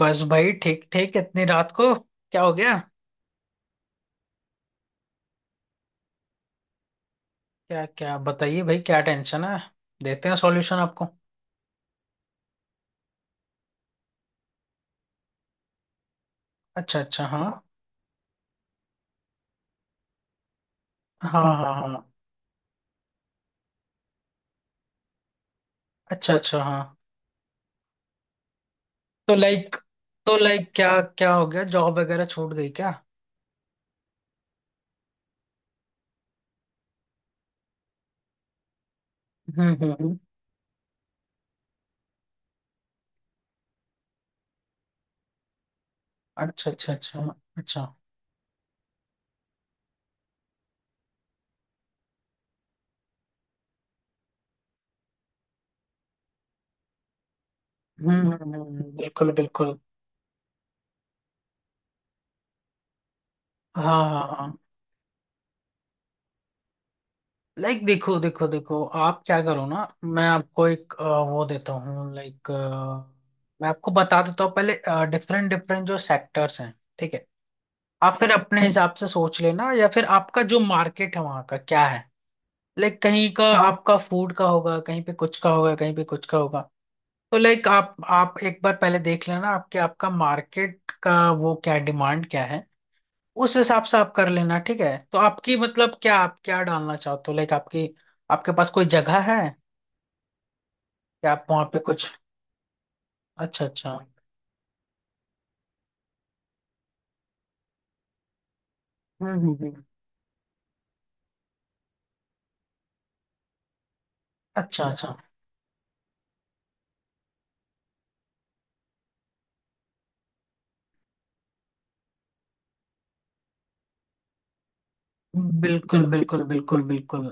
बस भाई ठीक ठीक इतनी रात को क्या हो गया? क्या क्या बताइए भाई, क्या टेंशन है? देते हैं सॉल्यूशन आपको। अच्छा अच्छा, हाँ। हाँ हाँ हाँ हाँ। अच्छा अच्छा, हाँ। तो लाइक तो लाइक क्या क्या हो गया, जॉब वगैरह छूट गई क्या? हम्म हम्म हम्म, अच्छा अच्छा अच्छा। अच्छा। बिल्कुल बिल्कुल। हाँ हाँ हाँ। लाइक देखो देखो देखो, आप क्या करो ना, मैं आपको एक वो देता हूँ। लाइक मैं आपको बता देता हूँ पहले डिफरेंट डिफरेंट जो सेक्टर्स हैं। ठीक है। आप फिर अपने हिसाब से सोच लेना, या फिर आपका जो मार्केट है वहां का क्या है। लाइक कहीं का आपका फूड का होगा, कहीं पे कुछ का होगा, कहीं पे कुछ का होगा। तो लाइक आप एक बार पहले देख लेना आपके आपका मार्केट का वो क्या डिमांड क्या है, उस हिसाब से आप कर लेना। ठीक है, तो आपकी मतलब, क्या आप क्या डालना चाहते हो, लाइक आपकी, आपके पास कोई जगह है, या आप वहां पे कुछ? अच्छा अच्छा। हम्म हम्म हम्म। अच्छा अच्छा। बिल्कुल बिल्कुल बिल्कुल बिल्कुल।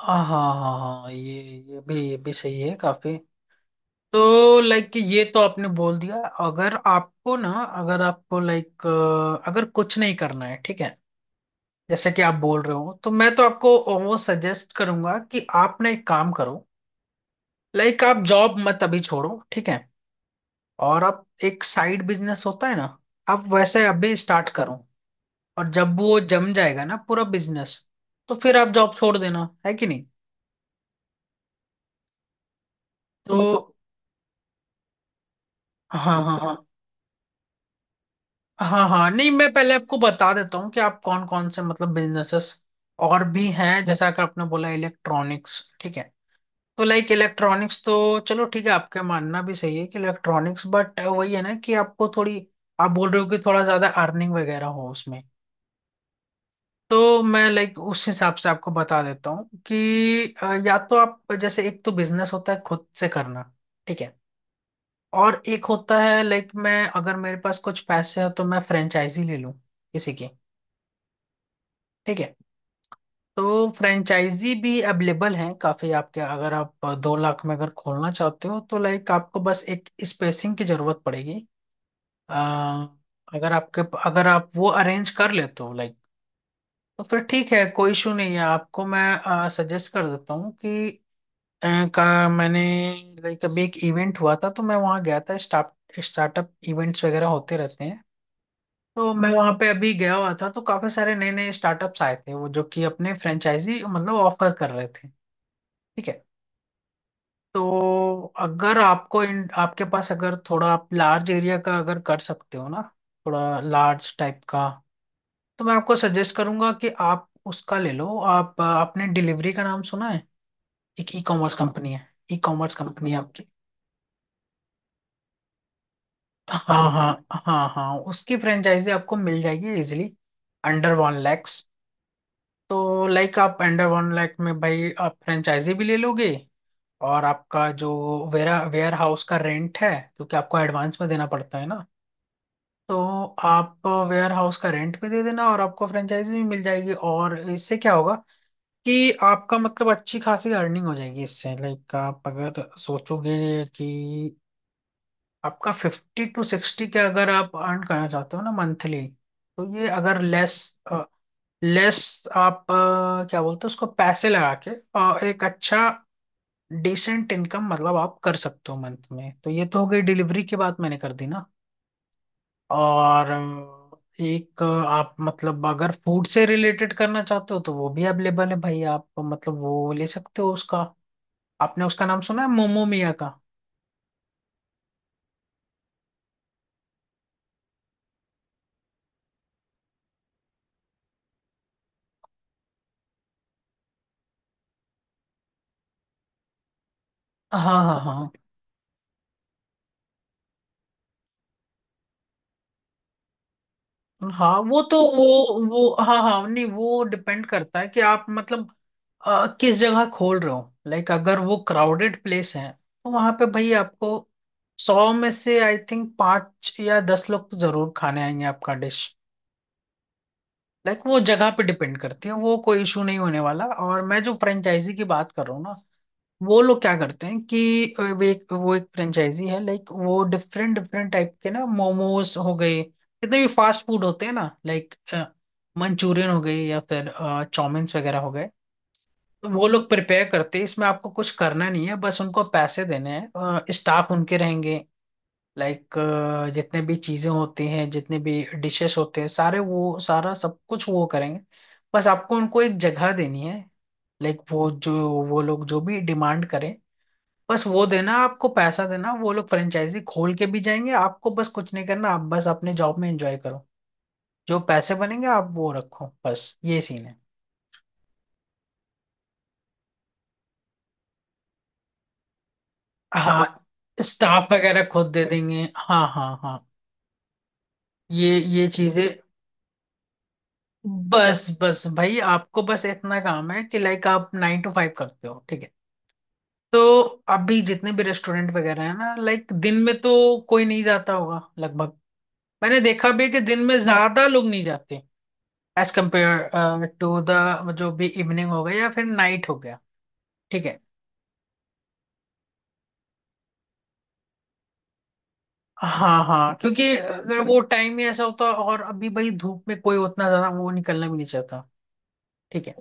हाँ हाँ हाँ हाँ, ये भी सही है काफी। तो लाइक ये तो आपने बोल दिया। अगर आपको लाइक, अगर कुछ नहीं करना है, ठीक है, जैसे कि आप बोल रहे हो, तो मैं तो आपको वो सजेस्ट करूंगा कि आप ना एक काम करो। लाइक आप जॉब मत अभी छोड़ो, ठीक है। और आप एक साइड बिजनेस होता है ना, आप वैसे अभी स्टार्ट करो। और जब वो जम जाएगा ना पूरा बिजनेस, तो फिर आप जॉब छोड़ देना है कि नहीं। तो, हाँ हाँ हाँ। हाँ हाँ, नहीं मैं पहले आपको बता देता हूँ कि आप कौन कौन से, मतलब बिजनेसेस और भी हैं, जैसा कि आपने बोला इलेक्ट्रॉनिक्स। ठीक है, तो लाइक इलेक्ट्रॉनिक्स तो, चलो ठीक है आपका मानना भी सही है कि इलेक्ट्रॉनिक्स, बट वही है ना कि आपको थोड़ी, आप बोल रहे हो कि थोड़ा ज्यादा अर्निंग वगैरह हो उसमें। तो मैं लाइक उस हिसाब से आपको बता देता हूँ कि या तो आप जैसे, एक तो बिजनेस होता है खुद से करना, ठीक है, और एक होता है लाइक, मैं अगर मेरे पास कुछ पैसे हैं तो मैं फ्रेंचाइजी ले लूँ किसी की, ठीक है। तो फ्रेंचाइजी भी अवेलेबल हैं काफी आपके, अगर आप 2 लाख में अगर खोलना चाहते हो, तो लाइक आपको बस एक स्पेसिंग की जरूरत पड़ेगी। आ, अगर आपके अगर आप वो अरेंज कर लेते हो लाइक, तो फिर ठीक है कोई इशू नहीं है। आपको मैं सजेस्ट कर देता हूँ कि अ, का मैंने लाइक अभी एक इवेंट हुआ था, तो मैं वहाँ गया था, स्टार्टअप इवेंट्स वगैरह होते रहते हैं। तो मैं वहाँ पे अभी गया हुआ था, तो काफी सारे नए नए स्टार्टअप्स आए थे, वो जो कि अपने फ्रेंचाइजी मतलब ऑफर कर रहे थे। ठीक है, तो अगर आपको इन आपके पास अगर थोड़ा आप लार्ज एरिया का अगर कर सकते हो ना, थोड़ा लार्ज टाइप का, तो मैं आपको सजेस्ट करूंगा कि आप उसका ले लो। आप आपने डिलीवरी का नाम सुना है? एक ई कॉमर्स कंपनी है, ई कॉमर्स कंपनी है आपकी। हाँ हाँ हाँ हाँ, उसकी फ्रेंचाइजी आपको मिल जाएगी इजिली अंडर 1 लैक्स। तो लाइक आप अंडर 1 लाख में भाई आप फ्रेंचाइजी भी ले लोगे, और आपका जो वेरा वेयर हाउस का रेंट है, क्योंकि आपको एडवांस में देना पड़ता है ना, तो आप वेयर हाउस का रेंट पे दे देना, और आपको फ्रेंचाइजी भी मिल जाएगी। और इससे क्या होगा कि आपका मतलब अच्छी खासी अर्निंग हो जाएगी इससे। लाइक आप अगर सोचोगे कि आपका 50-60 के अगर आप अर्न करना चाहते हो ना मंथली, तो ये अगर लेस लेस आप क्या बोलते हो उसको, पैसे लगा के एक अच्छा डिसेंट इनकम मतलब आप कर सकते हो मंथ में। तो ये तो हो गई डिलीवरी की बात, मैंने कर दी ना। और एक आप, मतलब अगर फूड से रिलेटेड करना चाहते हो तो वो भी अवेलेबल है भाई, आप मतलब वो ले सकते हो उसका। आपने उसका नाम सुना है, मोमो मिया का? हाँ हाँ हाँ हाँ, वो तो वो हाँ हाँ, नहीं वो डिपेंड करता है कि आप मतलब किस जगह खोल रहे हो। लाइक अगर वो क्राउडेड प्लेस है तो वहां पे भाई आपको 100 में से आई थिंक 5 या 10 लोग तो जरूर खाने आएंगे आपका डिश। लाइक वो जगह पे डिपेंड करती है, वो कोई इशू नहीं होने वाला। और मैं जो फ्रेंचाइजी की बात कर रहा हूँ ना, वो लोग क्या करते हैं कि वो एक फ्रेंचाइजी है लाइक वो डिफरेंट डिफरेंट टाइप के ना, मोमोज हो गए, कितने भी फास्ट फूड होते हैं ना, लाइक मंचूरियन हो गए, या फिर चाउमीन्स वगैरह हो गए। तो वो लोग प्रिपेयर करते हैं, इसमें आपको कुछ करना नहीं है। बस उनको पैसे देने हैं, स्टाफ उनके रहेंगे। लाइक जितने भी चीजें होती हैं, जितने भी डिशेस होते हैं सारे, वो सारा सब कुछ वो करेंगे। बस आपको उनको एक जगह देनी है। लाइक वो जो, वो लोग जो भी डिमांड करें, बस वो देना, आपको पैसा देना, वो लोग फ्रेंचाइजी खोल के भी जाएंगे। आपको बस कुछ नहीं करना, आप बस अपने जॉब में एंजॉय करो। जो पैसे बनेंगे आप वो रखो, बस ये सीन है। हाँ, स्टाफ वगैरह खुद दे देंगे, हाँ हाँ हाँ। ये चीजें, बस बस भाई, आपको बस इतना काम है कि लाइक आप 9 टू 5 करते हो, ठीक है। तो अभी जितने भी रेस्टोरेंट वगैरह है ना लाइक, दिन में तो कोई नहीं जाता होगा लगभग। मैंने देखा भी है कि दिन में ज्यादा लोग नहीं जाते एज कम्पेयर टू द, जो भी इवनिंग हो गया या फिर नाइट हो गया, ठीक है। हाँ हाँ, क्योंकि अगर वो टाइम ही ऐसा होता, और अभी भाई धूप में कोई उतना ज्यादा वो निकलना भी नहीं चाहता। ठीक है।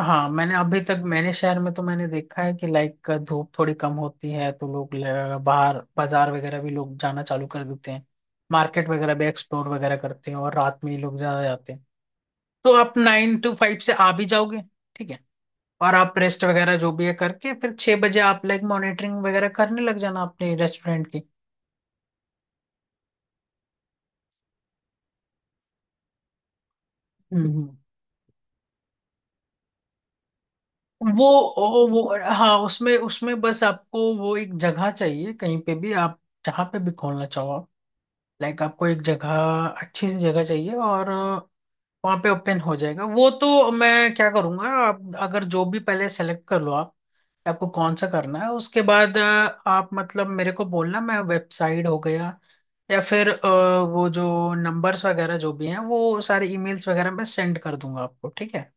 हाँ मैंने अभी तक मैंने शहर में तो मैंने देखा है कि लाइक धूप थोड़ी कम होती है तो लोग बाहर बाजार वगैरह भी लोग जाना चालू कर देते हैं, मार्केट वगैरह भी एक्सप्लोर वगैरह करते हैं, और रात में ही लोग ज्यादा जाते हैं। तो आप 9 टू 5 से आ भी जाओगे, ठीक है। और आप रेस्ट वगैरह जो भी है करके फिर 6 बजे आप लाइक मॉनिटरिंग वगैरह करने लग जाना अपने रेस्टोरेंट की। हम्म हम्म। वो, वो हाँ, उसमें उसमें बस आपको वो एक जगह चाहिए कहीं पे भी आप जहाँ पे भी खोलना चाहो। लाइक आपको एक जगह, अच्छी सी जगह चाहिए, और वहाँ पे ओपन हो जाएगा वो। तो मैं क्या करूँगा, आप अगर जो भी पहले सेलेक्ट कर लो आप कि आपको कौन सा करना है, उसके बाद आप मतलब मेरे को बोलना, मैं वेबसाइट हो गया या फिर वो जो नंबर्स वगैरह जो भी हैं, वो सारे ईमेल्स वगैरह मैं सेंड कर दूंगा आपको। ठीक है,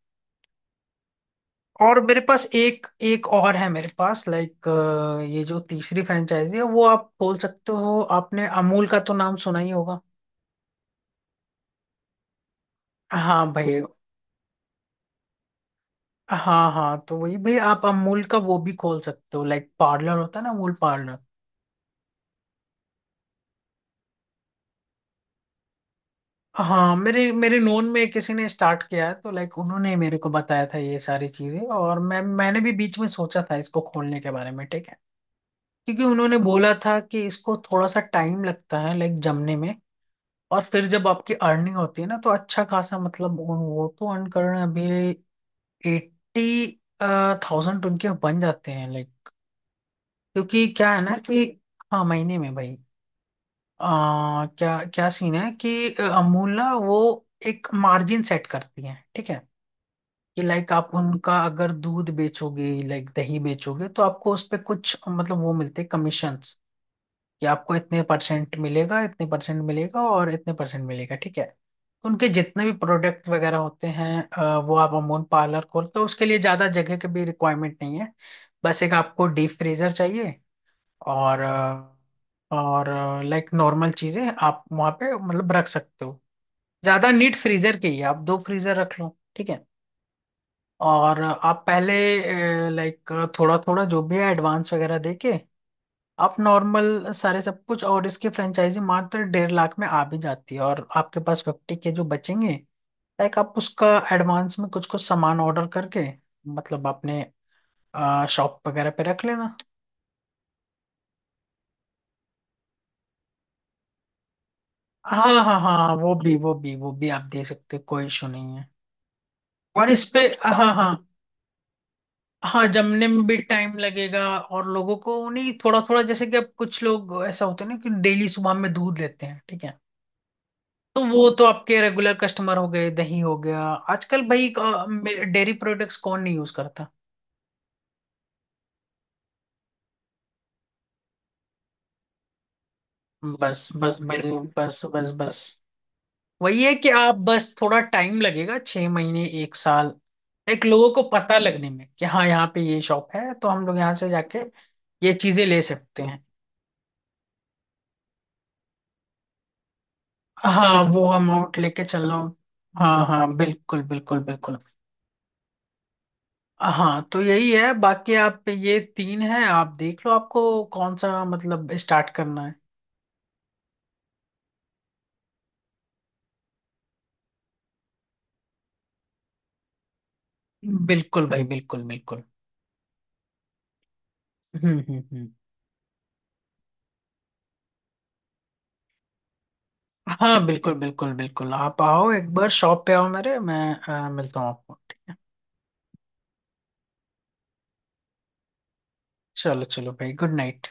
और मेरे पास एक एक और है मेरे पास, लाइक ये जो तीसरी फ्रेंचाइजी है, वो आप बोल सकते हो, आपने अमूल का तो नाम सुना ही होगा। हाँ भाई। हाँ हाँ, तो वही भाई आप अमूल का वो भी खोल सकते हो, लाइक पार्लर होता है ना, अमूल पार्लर। हाँ, मेरे मेरे नोन में किसी ने स्टार्ट किया है, तो लाइक उन्होंने मेरे को बताया था ये सारी चीजें, और मैंने भी बीच में सोचा था इसको खोलने के बारे में, ठीक है। क्योंकि उन्होंने बोला था कि इसको थोड़ा सा टाइम लगता है लाइक जमने में, और फिर जब आपकी अर्निंग होती है ना, तो अच्छा खासा मतलब वो तो अर्न कर रहे हैं अभी। 80,000 उनके बन जाते हैं, लाइक क्योंकि क्या है ना कि, हाँ महीने में भाई। क्या क्या सीन है कि अमूला वो एक मार्जिन सेट करती है, ठीक है, कि लाइक आप उनका अगर दूध बेचोगे, लाइक दही बेचोगे, तो आपको उस पे कुछ मतलब वो मिलते हैं, कमीशंस। कि आपको इतने परसेंट मिलेगा, इतने परसेंट मिलेगा, और इतने परसेंट मिलेगा, ठीक है। तो उनके जितने भी प्रोडक्ट वगैरह होते हैं, वो आप अमूल पार्लर खोलते हो, उसके लिए ज़्यादा जगह की भी रिक्वायरमेंट नहीं है। बस एक आपको डीप फ्रीजर चाहिए, और और लाइक नॉर्मल चीजें आप वहां पे मतलब रख सकते हो। ज्यादा नीट फ्रीजर की है, आप दो फ्रीजर रख लो, ठीक है। और आप पहले लाइक थोड़ा थोड़ा जो भी है एडवांस वगैरह देके, आप नॉर्मल सारे सब कुछ। और इसकी फ्रेंचाइजी मात्र 1.5 लाख में आ भी जाती है, और आपके पास 50 के जो बचेंगे, लाइक आप उसका एडवांस में कुछ कुछ सामान ऑर्डर करके, मतलब अपने शॉप वगैरह पे रख लेना। हाँ हाँ हाँ हाँ, वो भी वो भी वो भी आप दे सकते हो, कोई इशू नहीं है। और इस पे हाँ हाँ, हाँ जमने में भी टाइम लगेगा, और लोगों को नहीं, थोड़ा थोड़ा जैसे कि अब कुछ लोग ऐसा होते हैं ना कि डेली सुबह में दूध लेते हैं, ठीक है। तो वो तो आपके रेगुलर कस्टमर हो गए, दही हो गया। आजकल भाई डेयरी प्रोडक्ट्स कौन नहीं यूज करता। बस बस भाई, बस बस बस, वही है कि आप बस थोड़ा टाइम लगेगा, 6 महीने एक साल, एक लोगों को पता लगने में कि हाँ यहाँ पे ये शॉप है तो हम लोग यहाँ से जाके ये चीजें ले सकते हैं। हाँ वो अमाउंट लेके चल रहा हूँ, हाँ हाँ बिल्कुल बिल्कुल बिल्कुल। हाँ तो यही है, बाकी आप पे, ये तीन है, आप देख लो आपको कौन सा मतलब स्टार्ट करना है। बिल्कुल भाई, बिल्कुल बिल्कुल। हम्म। हाँ बिल्कुल बिल्कुल बिल्कुल, आप आओ एक बार शॉप पे आओ मेरे मैं मिलता हूँ आपको। चलो चलो भाई, गुड नाइट।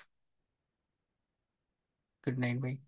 गुड नाइट भाई।